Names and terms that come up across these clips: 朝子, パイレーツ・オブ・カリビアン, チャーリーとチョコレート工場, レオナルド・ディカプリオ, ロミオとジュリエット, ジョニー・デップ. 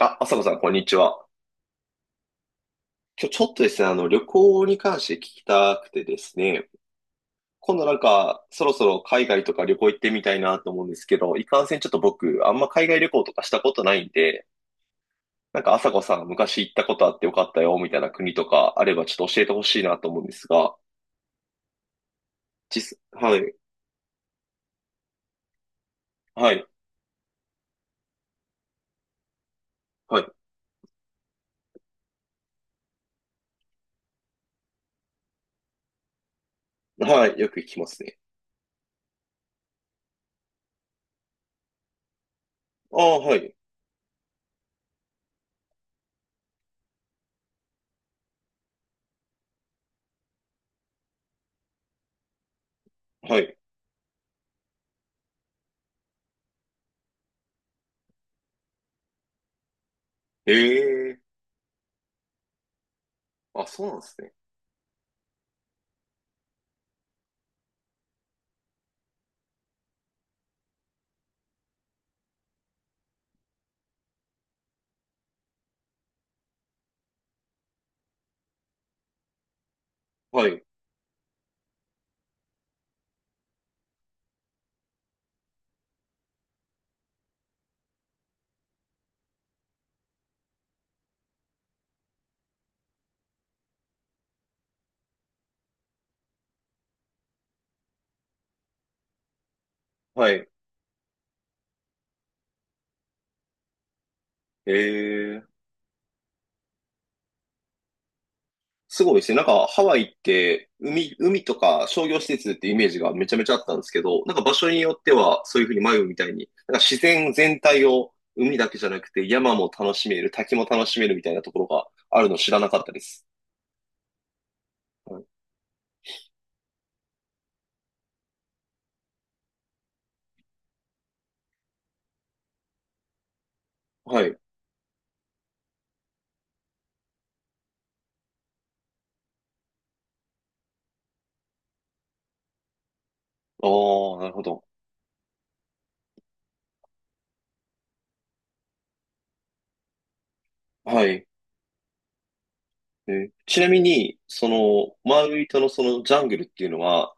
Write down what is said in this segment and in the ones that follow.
あ、朝子さん、こんにちは。今日ちょっとですね、旅行に関して聞きたくてですね、今度そろそろ海外とか旅行行ってみたいなと思うんですけど、いかんせんちょっと僕、あんま海外旅行とかしたことないんで、なんか朝子さん、昔行ったことあってよかったよ、みたいな国とかあればちょっと教えてほしいなと思うんですが、実、はい、はい、はい、はい、よく聞きますね。ああ、はい、はい。ええー、あ、そうなんですね。はい、はい、ええ、すごいですね。なんかハワイって海、海とか商業施設ってイメージがめちゃめちゃあったんですけど、なんか場所によってはそういうふうに迷うみたいに、なんか自然全体を海だけじゃなくて山も楽しめる、滝も楽しめるみたいなところがあるの知らなかったです。はい。はい。ああ、なるほど。はい。えー、ちなみに、その、マウイ島のそのジャングルっていうのは、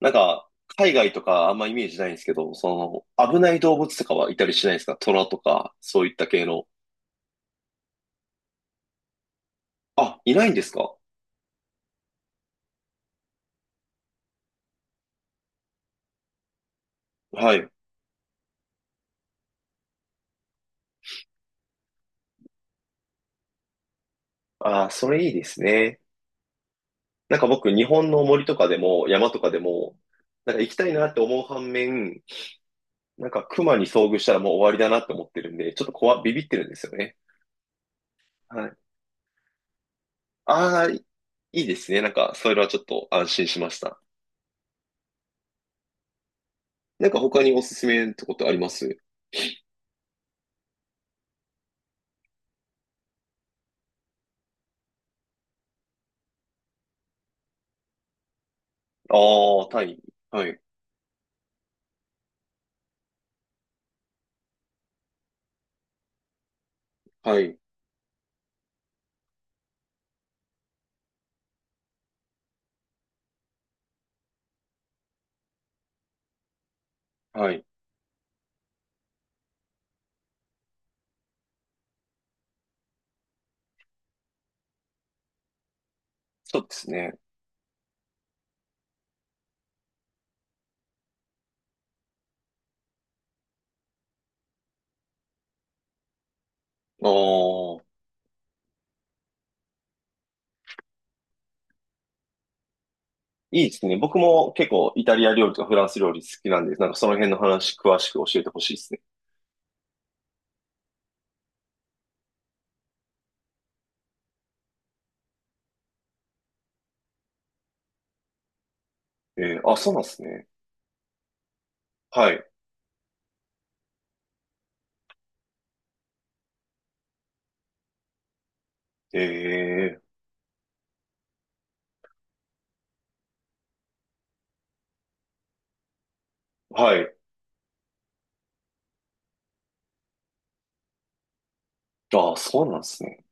なんか、海外とかあんまイメージないんですけど、その、危ない動物とかはいたりしないですか？トラとか、そういった系の。あ、いないんですか？はい。ああ、それいいですね。なんか僕、日本の森とかでも、山とかでも、なんか行きたいなって思う反面、なんか熊に遭遇したらもう終わりだなって思ってるんで、ちょっと怖、ビビってるんですよね。はい。ああ、いいですね。なんか、それはちょっと安心しました。なんか他におすすめってことあります？ああ、タイ。はい。はい。はい。そうですね。ああ、いいですね。僕も結構イタリア料理とかフランス料理好きなんで、なんかその辺の話詳しく教えてほしいですね。えー、あ、そうなんですね。はい。ええ、はい。ああ、そうなんですね。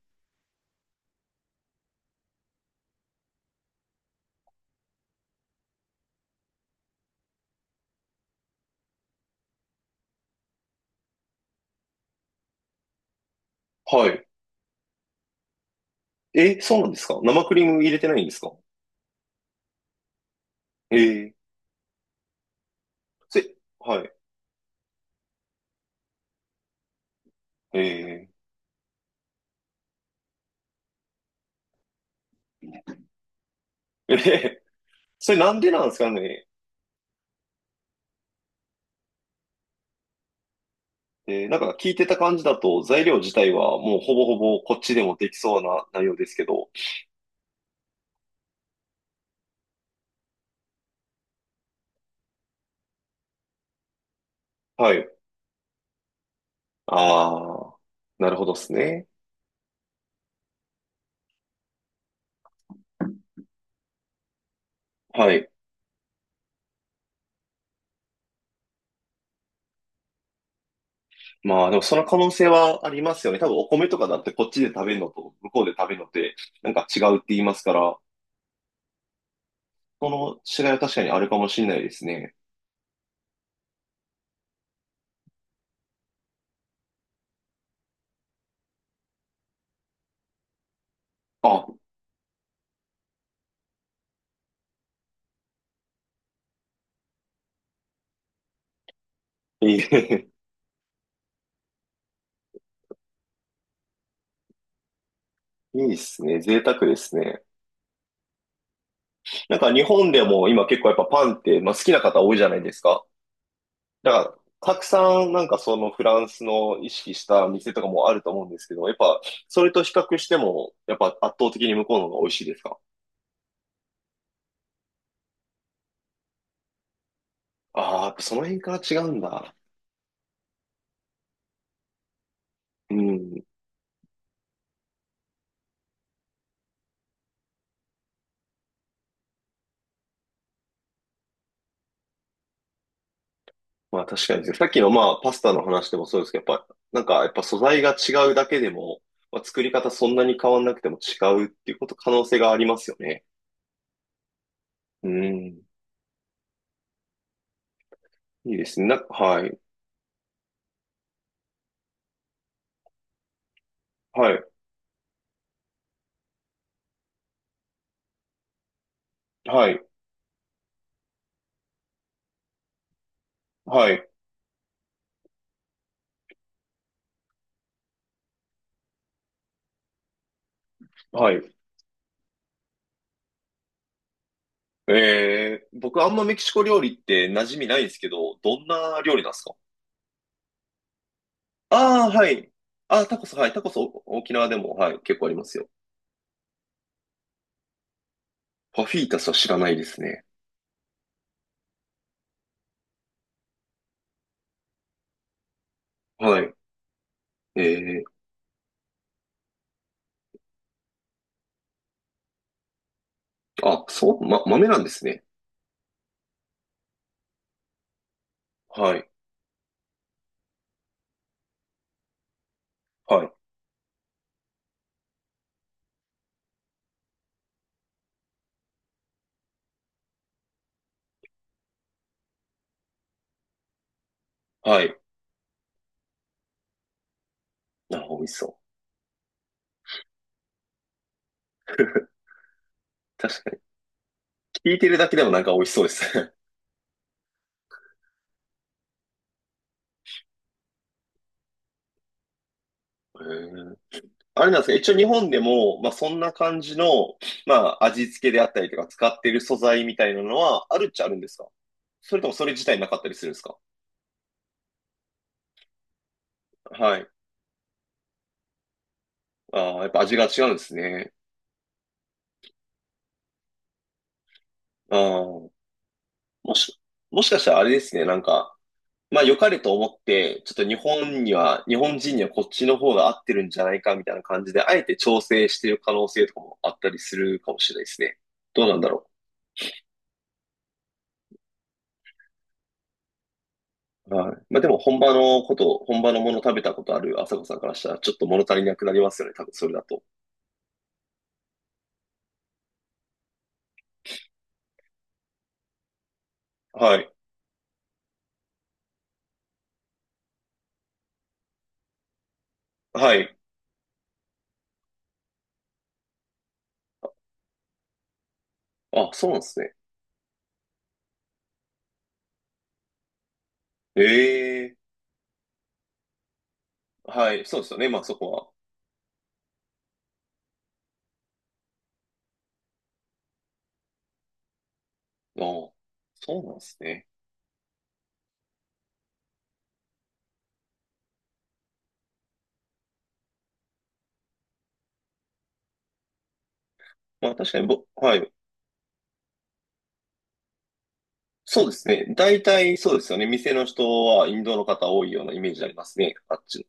はい。え、そうなんですか？生クリーム入れてないんですか？ええ、それ、はい。ええ、え、それなんでなんですかね？えー、なんか聞いてた感じだと材料自体はもうほぼほぼこっちでもできそうな内容ですけど。はい。ああ、なるほどですね。はい。まあでもその可能性はありますよね。多分お米とかだってこっちで食べるのと向こうで食べるのってなんか違うって言いますから、その違いは確かにあるかもしれないですね。あ、いい、いいっすね。贅沢ですね。なんか日本でも今結構やっぱパンって、まあ、好きな方多いじゃないですか。だから、たくさんなんかそのフランスの意識した店とかもあると思うんですけど、やっぱそれと比較しても、やっぱ圧倒的に向こうの方が美味しいですか？ああー、やっぱその辺から違うんだ。うん。まあ確かにですね。さっきのまあパスタの話でもそうですけど、やっぱなんかやっぱ素材が違うだけでも、まあ、作り方そんなに変わんなくても違うっていうこと可能性がありますよね。うん。いいですね。な、はい。はい。はい。はい。はい。えー、僕あんまメキシコ料理って馴染みないんですけど、どんな料理なんですか？ああー、はい。あー、タコス、はい。タコス、お沖縄でも、はい。結構ありますよ。パフィータスは知らないですね。はい。えー、あ、そう、ま、豆なんですね。はい。はい。はい。なるほど、美味しそう。確かに。聞いてるだけでもなんか美味しそうですね。えー、あれなんですか、一応日本でも、まあ、そんな感じの、まあ、味付けであったりとか使ってる素材みたいなのはあるっちゃあるんですか？それともそれ自体なかったりするんですか？はい。ああ、やっぱ味が違うんですね。ああ、もし、もしかしたらあれですね、なんか、まあ良かれと思って、ちょっと日本には、日本人にはこっちの方が合ってるんじゃないかみたいな感じで、あえて調整してる可能性とかもあったりするかもしれないですね。どうなんだろう。はい。まあでも本場のこと、本場のもの食べたことある朝子さんからしたらちょっと物足りなくなりますよね。多分それだと。はい。はい。あ、そうなんですね。ええ、はい。そうですよね。まあそこは。ああ、そうなんですね。まあ確かにぼ、はい。そうですね。大体そうですよね。店の人はインドの方多いようなイメージありますね。あっち。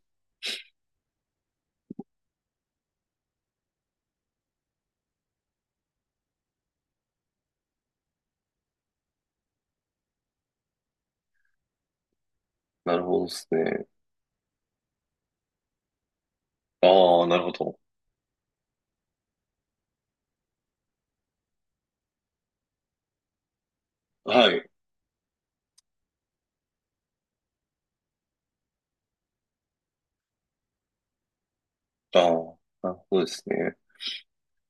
なるほどですね。ああ、なるほど。はい。ああ、なるほどですね。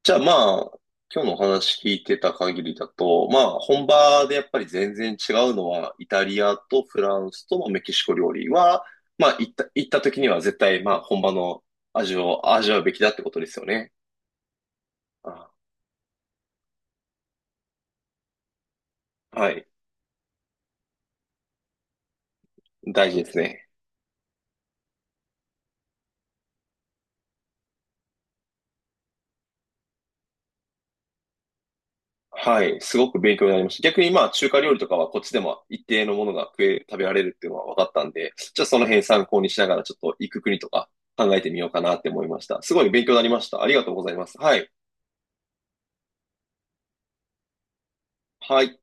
じゃあまあ、今日のお話聞いてた限りだと、まあ本場でやっぱり全然違うのは、イタリアとフランスとメキシコ料理は、まあ行った、行った時には絶対まあ本場の味を味わうべきだってことですよね。あ、はい。大事ですね。はい。すごく勉強になりました。逆にまあ中華料理とかはこっちでも一定のものが食え、食べられるっていうのは分かったんで、じゃあその辺参考にしながらちょっと行く国とか考えてみようかなって思いました。すごい勉強になりました。ありがとうございます。はい。はい。